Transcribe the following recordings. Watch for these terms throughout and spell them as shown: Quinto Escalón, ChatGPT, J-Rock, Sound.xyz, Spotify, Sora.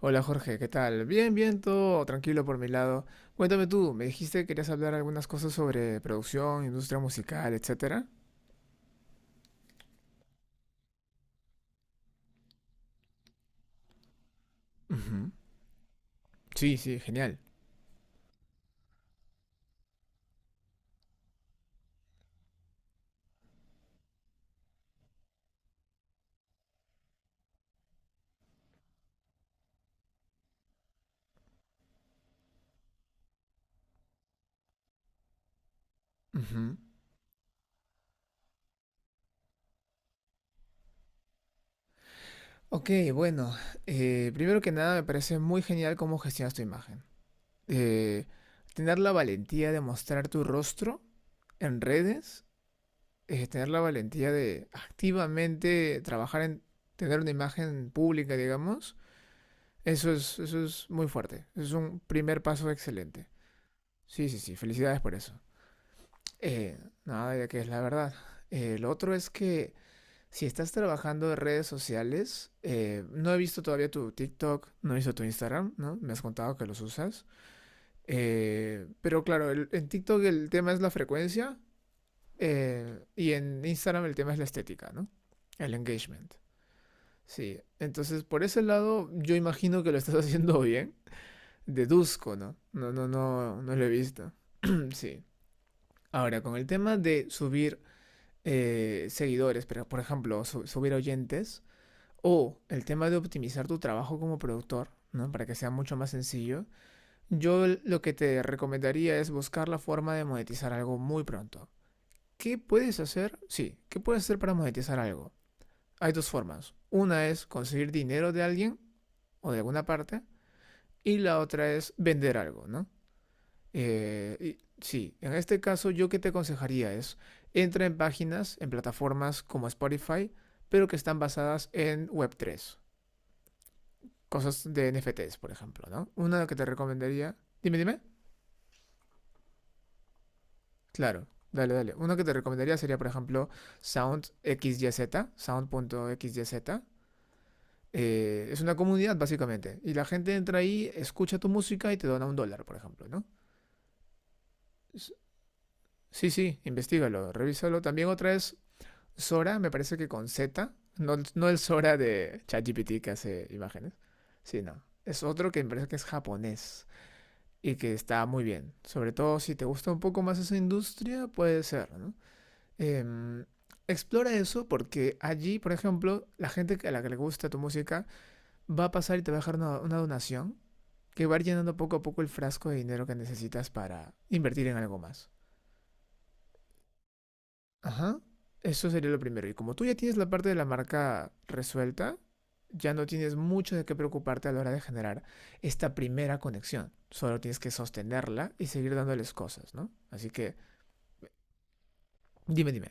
Hola Jorge, ¿qué tal? Bien, bien, todo tranquilo por mi lado. Cuéntame tú, me dijiste que querías hablar algunas cosas sobre producción, industria musical, etcétera. Ujú. Sí, sí, genial. Ujú. Ok, bueno, primero que nada me parece muy genial cómo gestionas tu imagen. Eh, Tener la valentía de mostrar tu rostro en redes, tener la valentía de activamente trabajar en tener una imagen pública, digamos. Eso es muy fuerte. Es un primer paso excelente. Sí, sí, sí. Felicidades por eso. Eh, Nada, ya que es la verdad. Lo otro es que si estás trabajando en redes sociales, no he visto todavía tu TikTok, no he visto tu Instagram, ¿no? Me has contado que los usas. Pero claro, en TikTok el tema es la frecuencia y en Instagram el tema es la estética, ¿no? El engagement. Sí, entonces por ese lado yo imagino que lo estás haciendo bien. Deduzco, ¿no? No, no, no, no lo he visto. sí. Ahora, con el tema de subir seguidores, pero por ejemplo, subir oyentes, o el tema de optimizar tu trabajo como productor, ¿no? Para que sea mucho más sencillo, yo lo que te recomendaría es buscar la forma de monetizar algo muy pronto. ¿Qué puedes hacer? Sí, ¿qué puedes hacer para monetizar algo? Hay dos formas. Una es conseguir dinero de alguien o de alguna parte, y la otra es vender algo, ¿no? Eh, sí, en este caso yo que te aconsejaría es, entra en páginas, en plataformas como Spotify, pero que están basadas en Web3, cosas de NFTs, por ejemplo, ¿no? Una que te recomendaría, dime, dime, claro, dale, dale, una que te recomendaría sería, por ejemplo, SoundXYZ, Sound.xyz. Es una comunidad, básicamente, y la gente entra ahí, escucha tu música y te dona un dólar, por ejemplo, ¿no? Es- Sí, sí, investigalo, revísalo. También otra es Sora, me parece que con Z, no, no el Sora de ChatGPT que hace imágenes, sino es otro que me parece que es japonés y que está muy bien. Sobre todo si te gusta un poco más esa industria, puede ser, ¿no? Em, Explora eso porque allí, por ejemplo, la gente a la que le gusta tu música va a pasar y te va a dejar una donación que va a ir llenando poco a poco el frasco de dinero que necesitas para invertir en algo más. Ajá, eso sería lo primero. Y como tú ya tienes la parte de la marca resuelta, ya no tienes mucho de qué preocuparte a la hora de generar esta primera conexión. Solo tienes que sostenerla y seguir dándoles cosas, ¿no? Así que, dime, dime.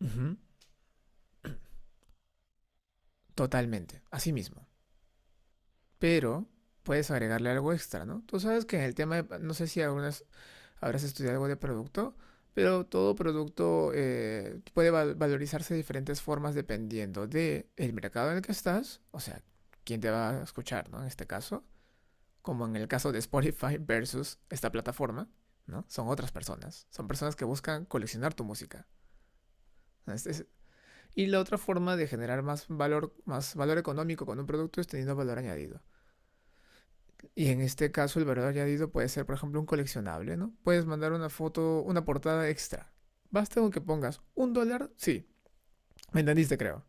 Ujú. Totalmente, así mismo. Pero puedes agregarle algo extra, ¿no? Tú sabes que en el tema de, no sé si algunas habrás estudiado algo de producto, pero todo producto puede valorizarse de diferentes formas dependiendo de el mercado en el que estás, o sea, quién te va a escuchar, ¿no? En este caso, como en el caso de Spotify versus esta plataforma, ¿no? Son otras personas, son personas que buscan coleccionar tu música. Es- es- Y la otra forma de generar más valor económico con un producto es teniendo valor añadido. Y en este caso el valor añadido puede ser, por ejemplo, un coleccionable, ¿no? Puedes mandar una foto, una portada extra. Basta con que pongas un dólar, sí, me entendiste creo.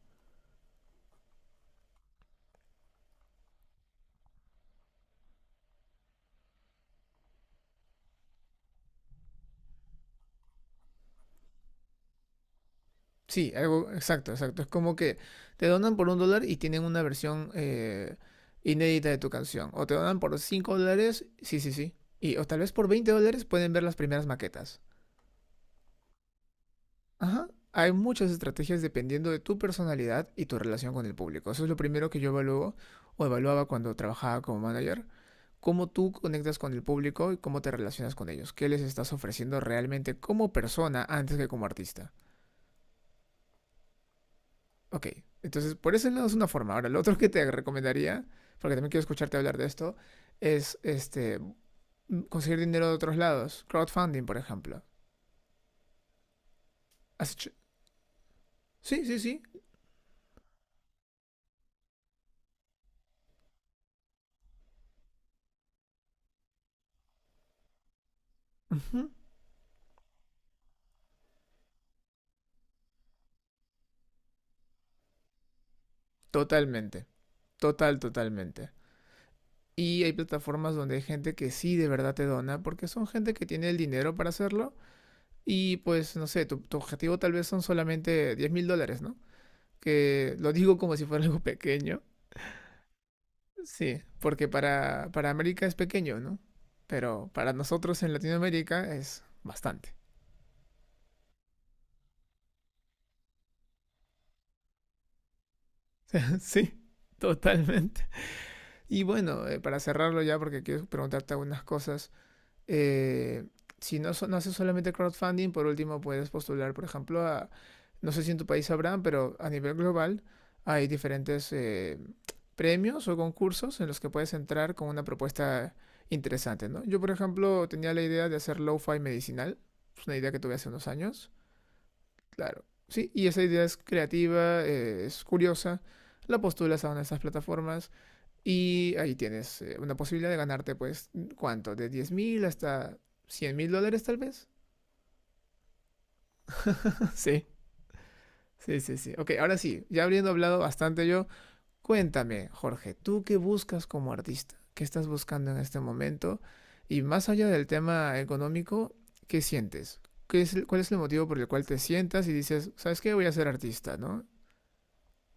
Sí, algo exacto, exacto. Es como que te donan por un dólar y tienen una versión inédita de tu canción. O te donan por 5 dólares, sí, sí, sí. Y, o tal vez por 20 dólares pueden ver las primeras maquetas. Ajá. Hay muchas estrategias dependiendo de tu personalidad y tu relación con el público. Eso es lo primero que yo evalúo o evaluaba cuando trabajaba como manager. Cómo tú conectas con el público y cómo te relacionas con ellos. ¿Qué les estás ofreciendo realmente como persona antes que como artista? Ok, entonces por ese lado es una forma. Ahora, lo otro que te recomendaría, porque también quiero escucharte hablar de esto, es este, conseguir dinero de otros lados. Crowdfunding, por ejemplo. ¿Has hecho? Sí, sí, sí. Ujú. Totalmente. Total, totalmente. Y hay plataformas donde hay gente que sí de verdad te dona, porque son gente que tiene el dinero para hacerlo. Y pues, no sé, tu objetivo tal vez son solamente 10.000 dólares, ¿no? Que lo digo como si fuera algo pequeño. Sí, porque para América es pequeño, ¿no? Pero para nosotros en Latinoamérica es bastante. Sí, totalmente. Y bueno, para cerrarlo ya, porque quiero preguntarte algunas cosas. Eh, si no, no haces solamente crowdfunding, por último puedes postular, por ejemplo, a, no sé si en tu país habrán, pero a nivel global hay diferentes premios o concursos en los que puedes entrar con una propuesta interesante, ¿no? Yo, por ejemplo, tenía la idea de hacer lo-fi medicinal, es una idea que tuve hace unos años, claro, sí, y esa idea es creativa, es curiosa, la postulas a una de estas plataformas y ahí tienes una posibilidad de ganarte, pues, ¿cuánto? De 10.000 hasta 100.000 dólares, tal vez. Sí, sí, sí, sí. Ok, ahora sí, ya habiendo hablado bastante yo, cuéntame, Jorge, ¿tú qué buscas como artista? ¿Qué estás buscando en este momento? Y más allá del tema económico, ¿qué sientes? ¿Qué es ¿Cuál es el motivo por el cual te sientas y dices, ¿sabes qué? Voy a ser artista, ¿no?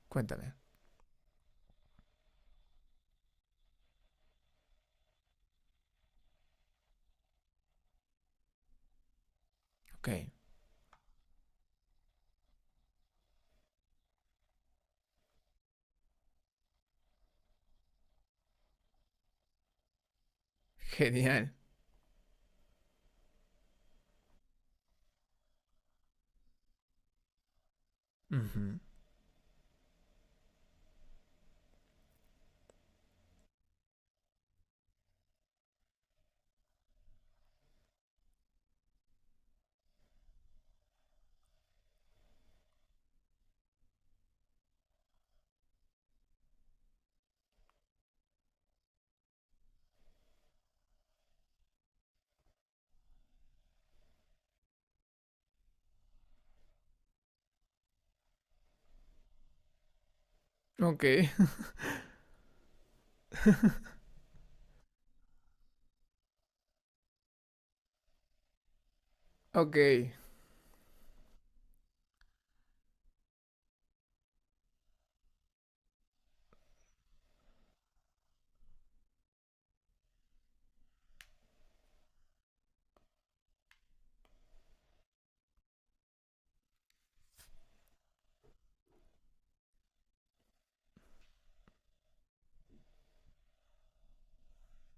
Cuéntame. Ok, genial. Ujú. Ok, ok.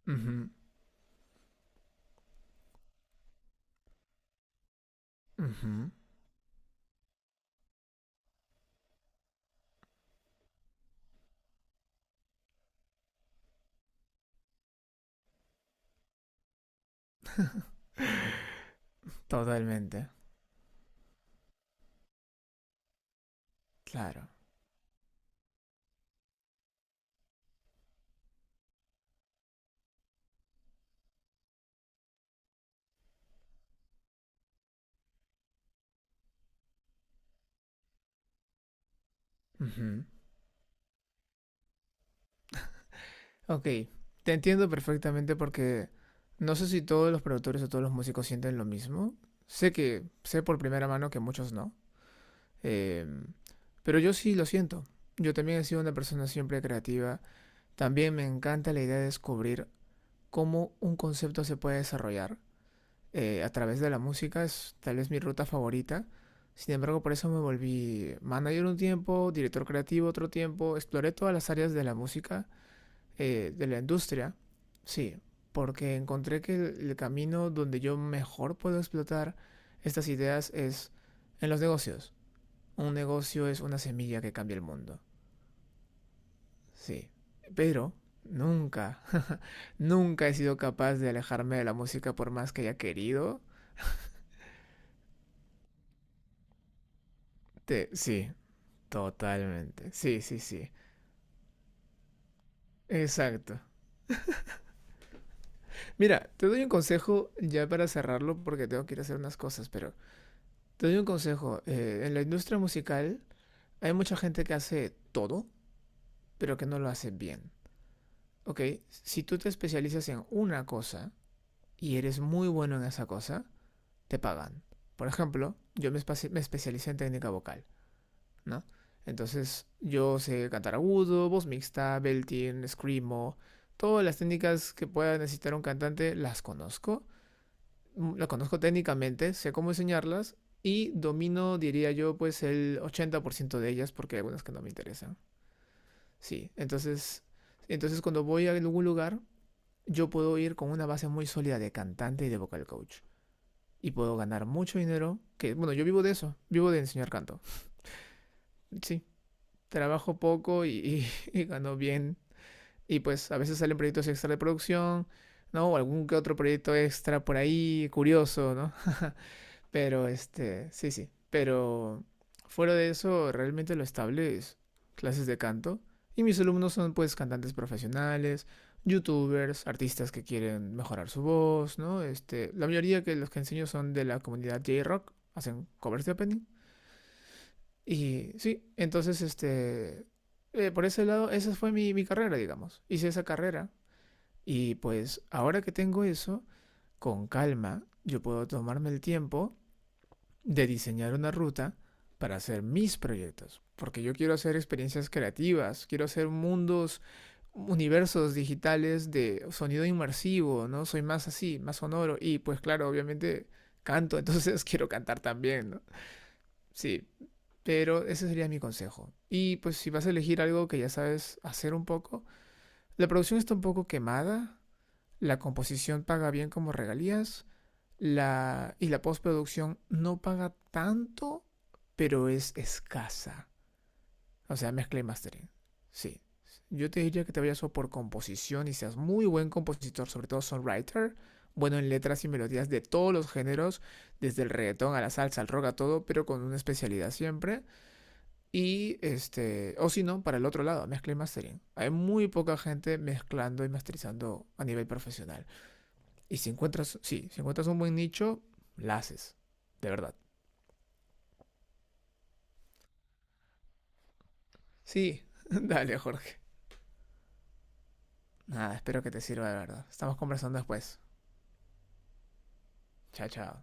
Ujú, ujú. Totalmente, claro. Ujú. Ok, te entiendo perfectamente porque no sé si todos los productores o todos los músicos sienten lo mismo. Sé que, sé por primera mano que muchos no. Em, pero yo sí lo siento. Yo también he sido una persona siempre creativa. También me encanta la idea de descubrir cómo un concepto se puede desarrollar. A través de la música, es tal vez mi ruta favorita. Sin embargo, por eso me volví manager un tiempo, director creativo otro tiempo, exploré todas las áreas de la música, de la industria, sí, porque encontré que el camino donde yo mejor puedo explotar estas ideas es en los negocios. Un negocio es una semilla que cambia el mundo, sí. Pero nunca, nunca he sido capaz de alejarme de la música por más que haya querido. Sí, totalmente. Sí, sí, sí. Exacto. Mira, te doy un consejo ya para cerrarlo porque tengo que ir a hacer unas cosas, pero te doy un consejo. En la industria musical hay mucha gente que hace todo, pero que no lo hace bien. ¿Ok? Si tú te especializas en una cosa y eres muy bueno en esa cosa, te pagan. Por ejemplo, me especialicé en técnica vocal. ¿No? Entonces, yo sé cantar agudo, voz mixta, belting, screamo, todas las técnicas que pueda necesitar un cantante las conozco, las conozco técnicamente, sé cómo enseñarlas y domino, diría yo, pues el 80% de ellas porque hay algunas que no me interesan. Sí, entonces, entonces cuando voy a algún lugar, yo puedo ir con una base muy sólida de cantante y de vocal coach. Y puedo ganar mucho dinero, que bueno, yo vivo de eso, vivo de enseñar canto. Sí, trabajo poco y, y gano bien. Y pues a veces salen proyectos extra de producción, ¿no? O algún que otro proyecto extra por ahí, curioso, ¿no? Pero este, sí, sí. Pero fuera de eso, realmente lo estable es clases de canto. Y mis alumnos son pues cantantes profesionales, youtubers, artistas que quieren mejorar su voz, ¿no? Este, la mayoría que los que enseño son de la comunidad J-Rock, hacen covers de opening. Y sí, entonces, este, por ese lado, esa fue mi carrera, digamos. Hice esa carrera y pues ahora que tengo eso, con calma, yo puedo tomarme el tiempo de diseñar una ruta para hacer mis proyectos. Porque yo quiero hacer experiencias creativas, quiero hacer mundos, universos digitales de sonido inmersivo, ¿no? Soy más así, más sonoro. Y pues claro, obviamente canto, entonces quiero cantar también, ¿no? Sí, pero ese sería mi consejo. Y pues si vas a elegir algo que ya sabes hacer un poco, la producción está un poco quemada, la composición paga bien como regalías, la postproducción no paga tanto, pero es escasa. O sea, mezcla y mastering. Sí. Yo te diría que te vayas o por composición y seas muy buen compositor, sobre todo songwriter, bueno en letras y melodías de todos los géneros, desde el reggaetón a la salsa, al rock, a todo, pero con una especialidad siempre. Y este, o si no, para el otro lado, mezcla y mastering. Hay muy poca gente mezclando y masterizando a nivel profesional. Y si encuentras, sí, si encuentras un buen nicho, la haces. De verdad. Sí, dale, Jorge. Nada, espero que te sirva de verdad. Estamos conversando después. Chao, chao.